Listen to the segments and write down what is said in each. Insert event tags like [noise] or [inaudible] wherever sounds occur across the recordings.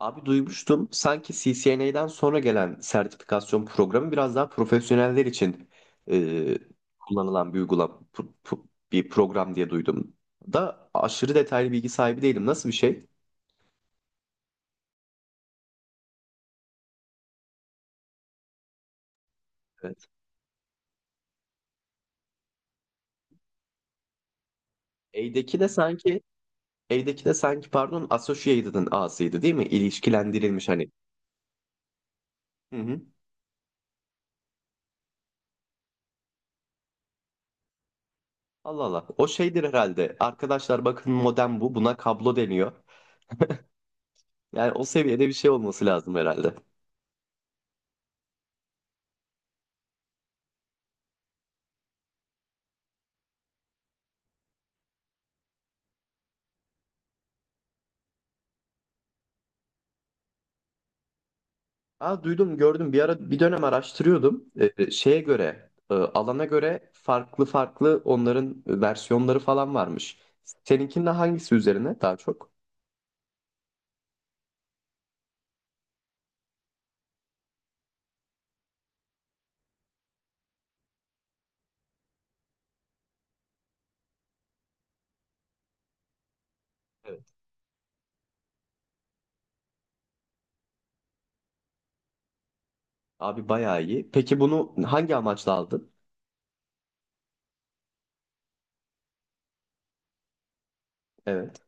Abi duymuştum sanki CCNA'den sonra gelen sertifikasyon programı biraz daha profesyoneller için e, kullanılan bir uygulama bir program diye duydum. Da aşırı detaylı bilgi sahibi değilim. Nasıl bir şey? Evet. A'deki de sanki A'deki de sanki pardon Associated'ın A'sıydı değil mi? İlişkilendirilmiş hani. Hı hı. Allah Allah. O şeydir herhalde. Arkadaşlar bakın modem bu. Buna kablo deniyor. Yani o seviyede bir şey olması lazım herhalde. Aa, duydum gördüm bir ara bir dönem araştırıyordum. Şeye göre alana göre farklı farklı onların versiyonları falan varmış. Seninkinde hangisi üzerine daha çok? Evet. Abi bayağı iyi. Peki bunu hangi amaçla aldın? Evet.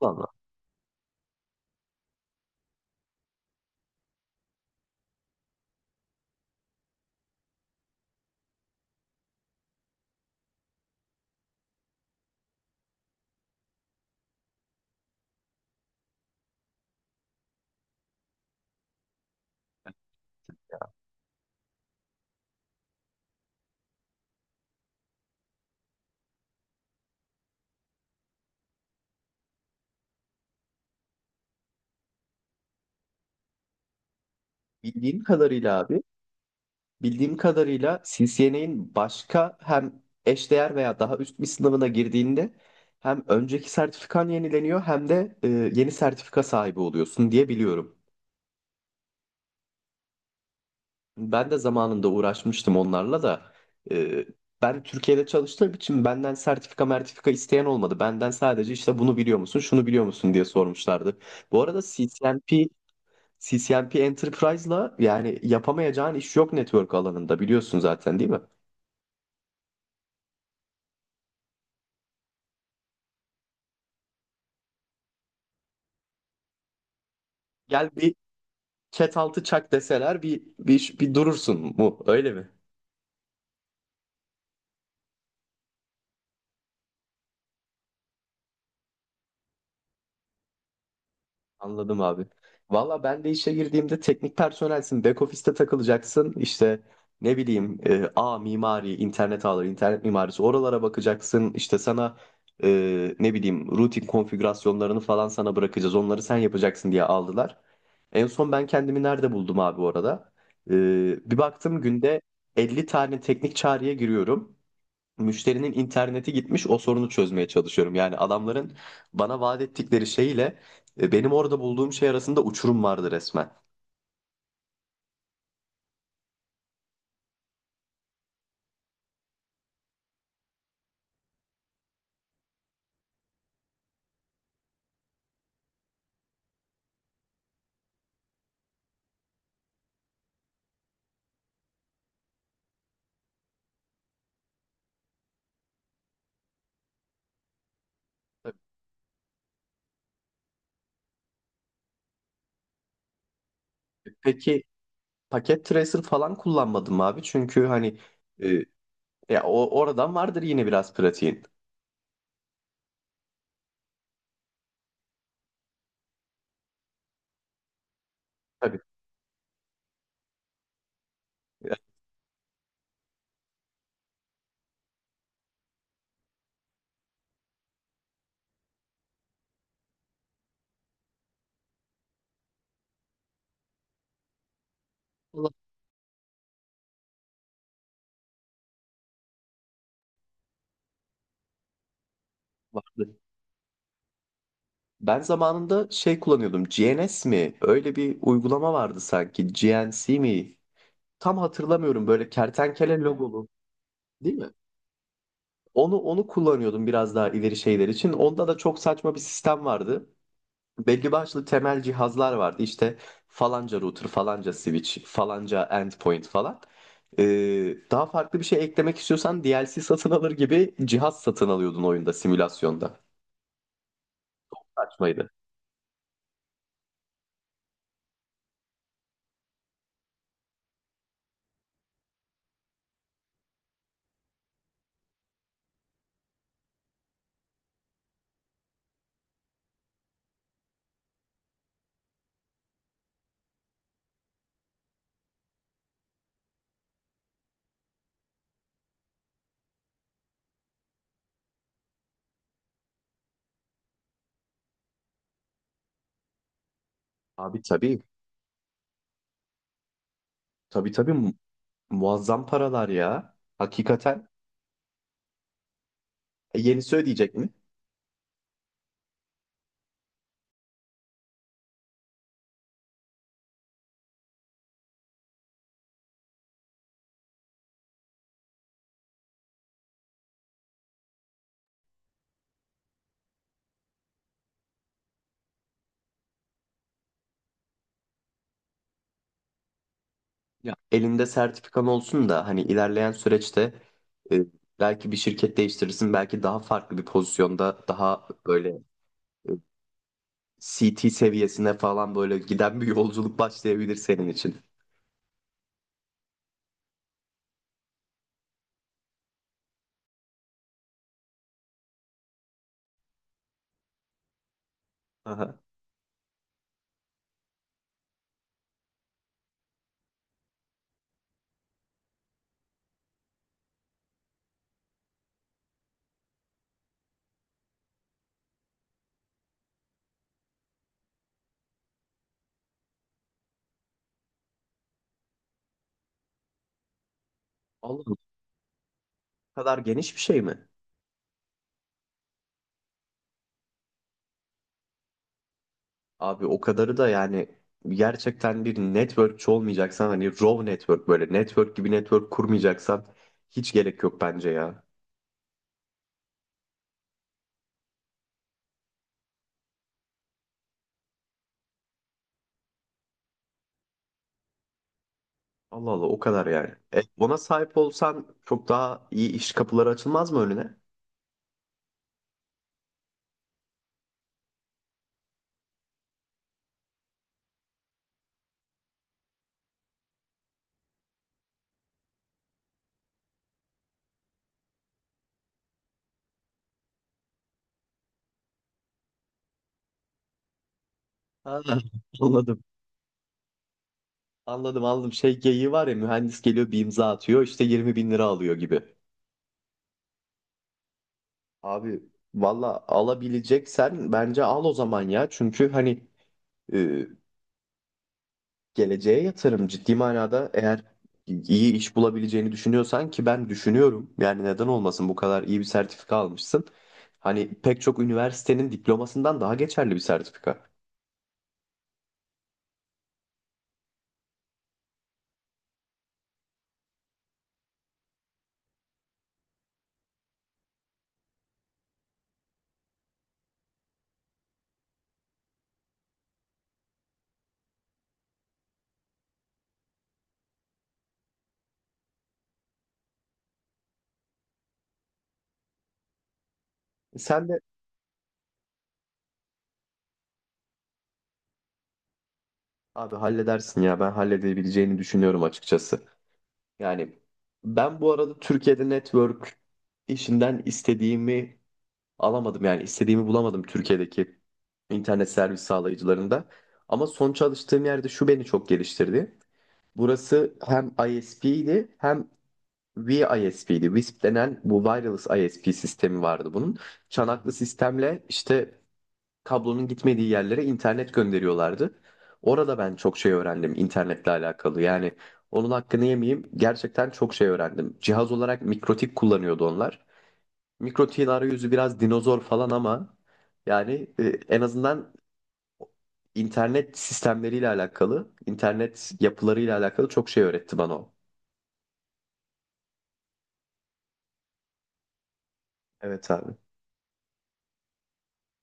Valla. Bildiğim kadarıyla abi, bildiğim kadarıyla CCNA'in başka hem eşdeğer veya daha üst bir sınavına girdiğinde hem önceki sertifikan yenileniyor hem de yeni sertifika sahibi oluyorsun diye biliyorum. Ben de zamanında uğraşmıştım onlarla da. Ee, Ben Türkiye'de çalıştığım için benden sertifika mertifika isteyen olmadı. Benden sadece işte bunu biliyor musun, şunu biliyor musun diye sormuşlardı. Bu arada CCNP Enterprise'la yani yapamayacağın iş yok network alanında biliyorsun zaten değil mi? Gel bir chat altı çak deseler bir durursun mu öyle mi? Anladım abi. Valla ben de işe girdiğimde teknik personelsin. Back office'te takılacaksın. İşte ne bileyim A mimari, internet ağları, internet mimarisi oralara bakacaksın. İşte sana ne bileyim routing konfigürasyonlarını falan sana bırakacağız. Onları sen yapacaksın diye aldılar. En son ben kendimi nerede buldum abi orada? E, Bir baktım günde 50 tane teknik çağrıya giriyorum, müşterinin interneti gitmiş, o sorunu çözmeye çalışıyorum. Yani adamların bana vaat ettikleri şeyle benim orada bulduğum şey arasında uçurum vardı resmen. Peki paket tracer falan kullanmadım abi, çünkü hani e, ya o oradan vardır yine biraz pratiğin. Tabii. Ya, Allah vardı. Ben zamanında şey kullanıyordum. GNS mi? Öyle bir uygulama vardı sanki. GNC mi? Tam hatırlamıyorum. Böyle kertenkele logolu, değil mi? Onu kullanıyordum biraz daha ileri şeyler için. Onda da çok saçma bir sistem vardı. Belli başlı temel cihazlar vardı. İşte falanca router, falanca switch, falanca endpoint falan. Daha farklı bir şey eklemek istiyorsan DLC satın alır gibi cihaz satın alıyordun oyunda, simülasyonda. Saçmaydı. Abi tabii. Tabii tabii, muazzam paralar ya. Hakikaten. Yenisi ödeyecek mi? Ya elinde sertifikan olsun da hani ilerleyen süreçte e, belki bir şirket değiştirirsin, belki daha farklı bir pozisyonda, daha böyle e, C T seviyesine falan böyle giden bir yolculuk başlayabilir senin için. Aha. Oğlum, bu kadar geniş bir şey mi? Abi o kadarı da yani gerçekten bir networkçi olmayacaksan, hani raw network, böyle network gibi network kurmayacaksan hiç gerek yok bence ya. Allah Allah, o kadar yani. Ona sahip olsan çok daha iyi iş kapıları açılmaz mı önüne? Ha, [laughs] anladım. Anladım, anladım. Şey geyiği var ya, mühendis geliyor bir imza atıyor, işte 20 bin lira alıyor gibi. Abi valla alabileceksen bence al o zaman ya. Çünkü hani e, geleceğe yatırım, ciddi manada eğer iyi iş bulabileceğini düşünüyorsan, ki ben düşünüyorum. Yani neden olmasın, bu kadar iyi bir sertifika almışsın. Hani pek çok üniversitenin diplomasından daha geçerli bir sertifika. Sen de Abi halledersin ya, ben halledebileceğini düşünüyorum açıkçası. Yani ben bu arada Türkiye'de network işinden istediğimi alamadım, yani istediğimi bulamadım Türkiye'deki internet servis sağlayıcılarında. Ama son çalıştığım yerde şu beni çok geliştirdi. Burası hem ISP'ydi hem WISP'ydi. WISP denen bu wireless ISP sistemi vardı bunun. Çanaklı sistemle işte kablonun gitmediği yerlere internet gönderiyorlardı. Orada ben çok şey öğrendim internetle alakalı. Yani onun hakkını yemeyeyim, gerçekten çok şey öğrendim. Cihaz olarak mikrotik kullanıyordu onlar. Mikrotiğin arayüzü biraz dinozor falan ama yani en azından internet sistemleriyle alakalı, internet yapılarıyla alakalı çok şey öğretti bana o. Evet abi.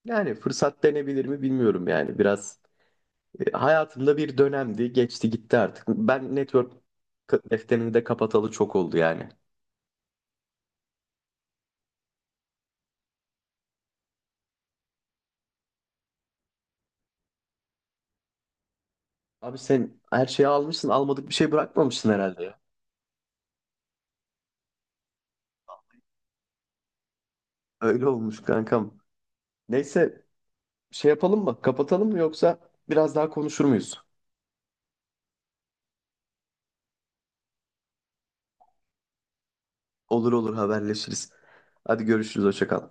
Yani fırsat denebilir mi bilmiyorum yani. Biraz. Hayatımda bir dönemdi, geçti gitti artık. Ben network defterini de kapatalı çok oldu yani. Abi sen her şeyi almışsın, almadık bir şey bırakmamışsın herhalde ya. Öyle olmuş kankam. Neyse, şey yapalım mı? Kapatalım mı yoksa biraz daha konuşur muyuz? Olur olur, haberleşiriz. Hadi görüşürüz, hoşça kal.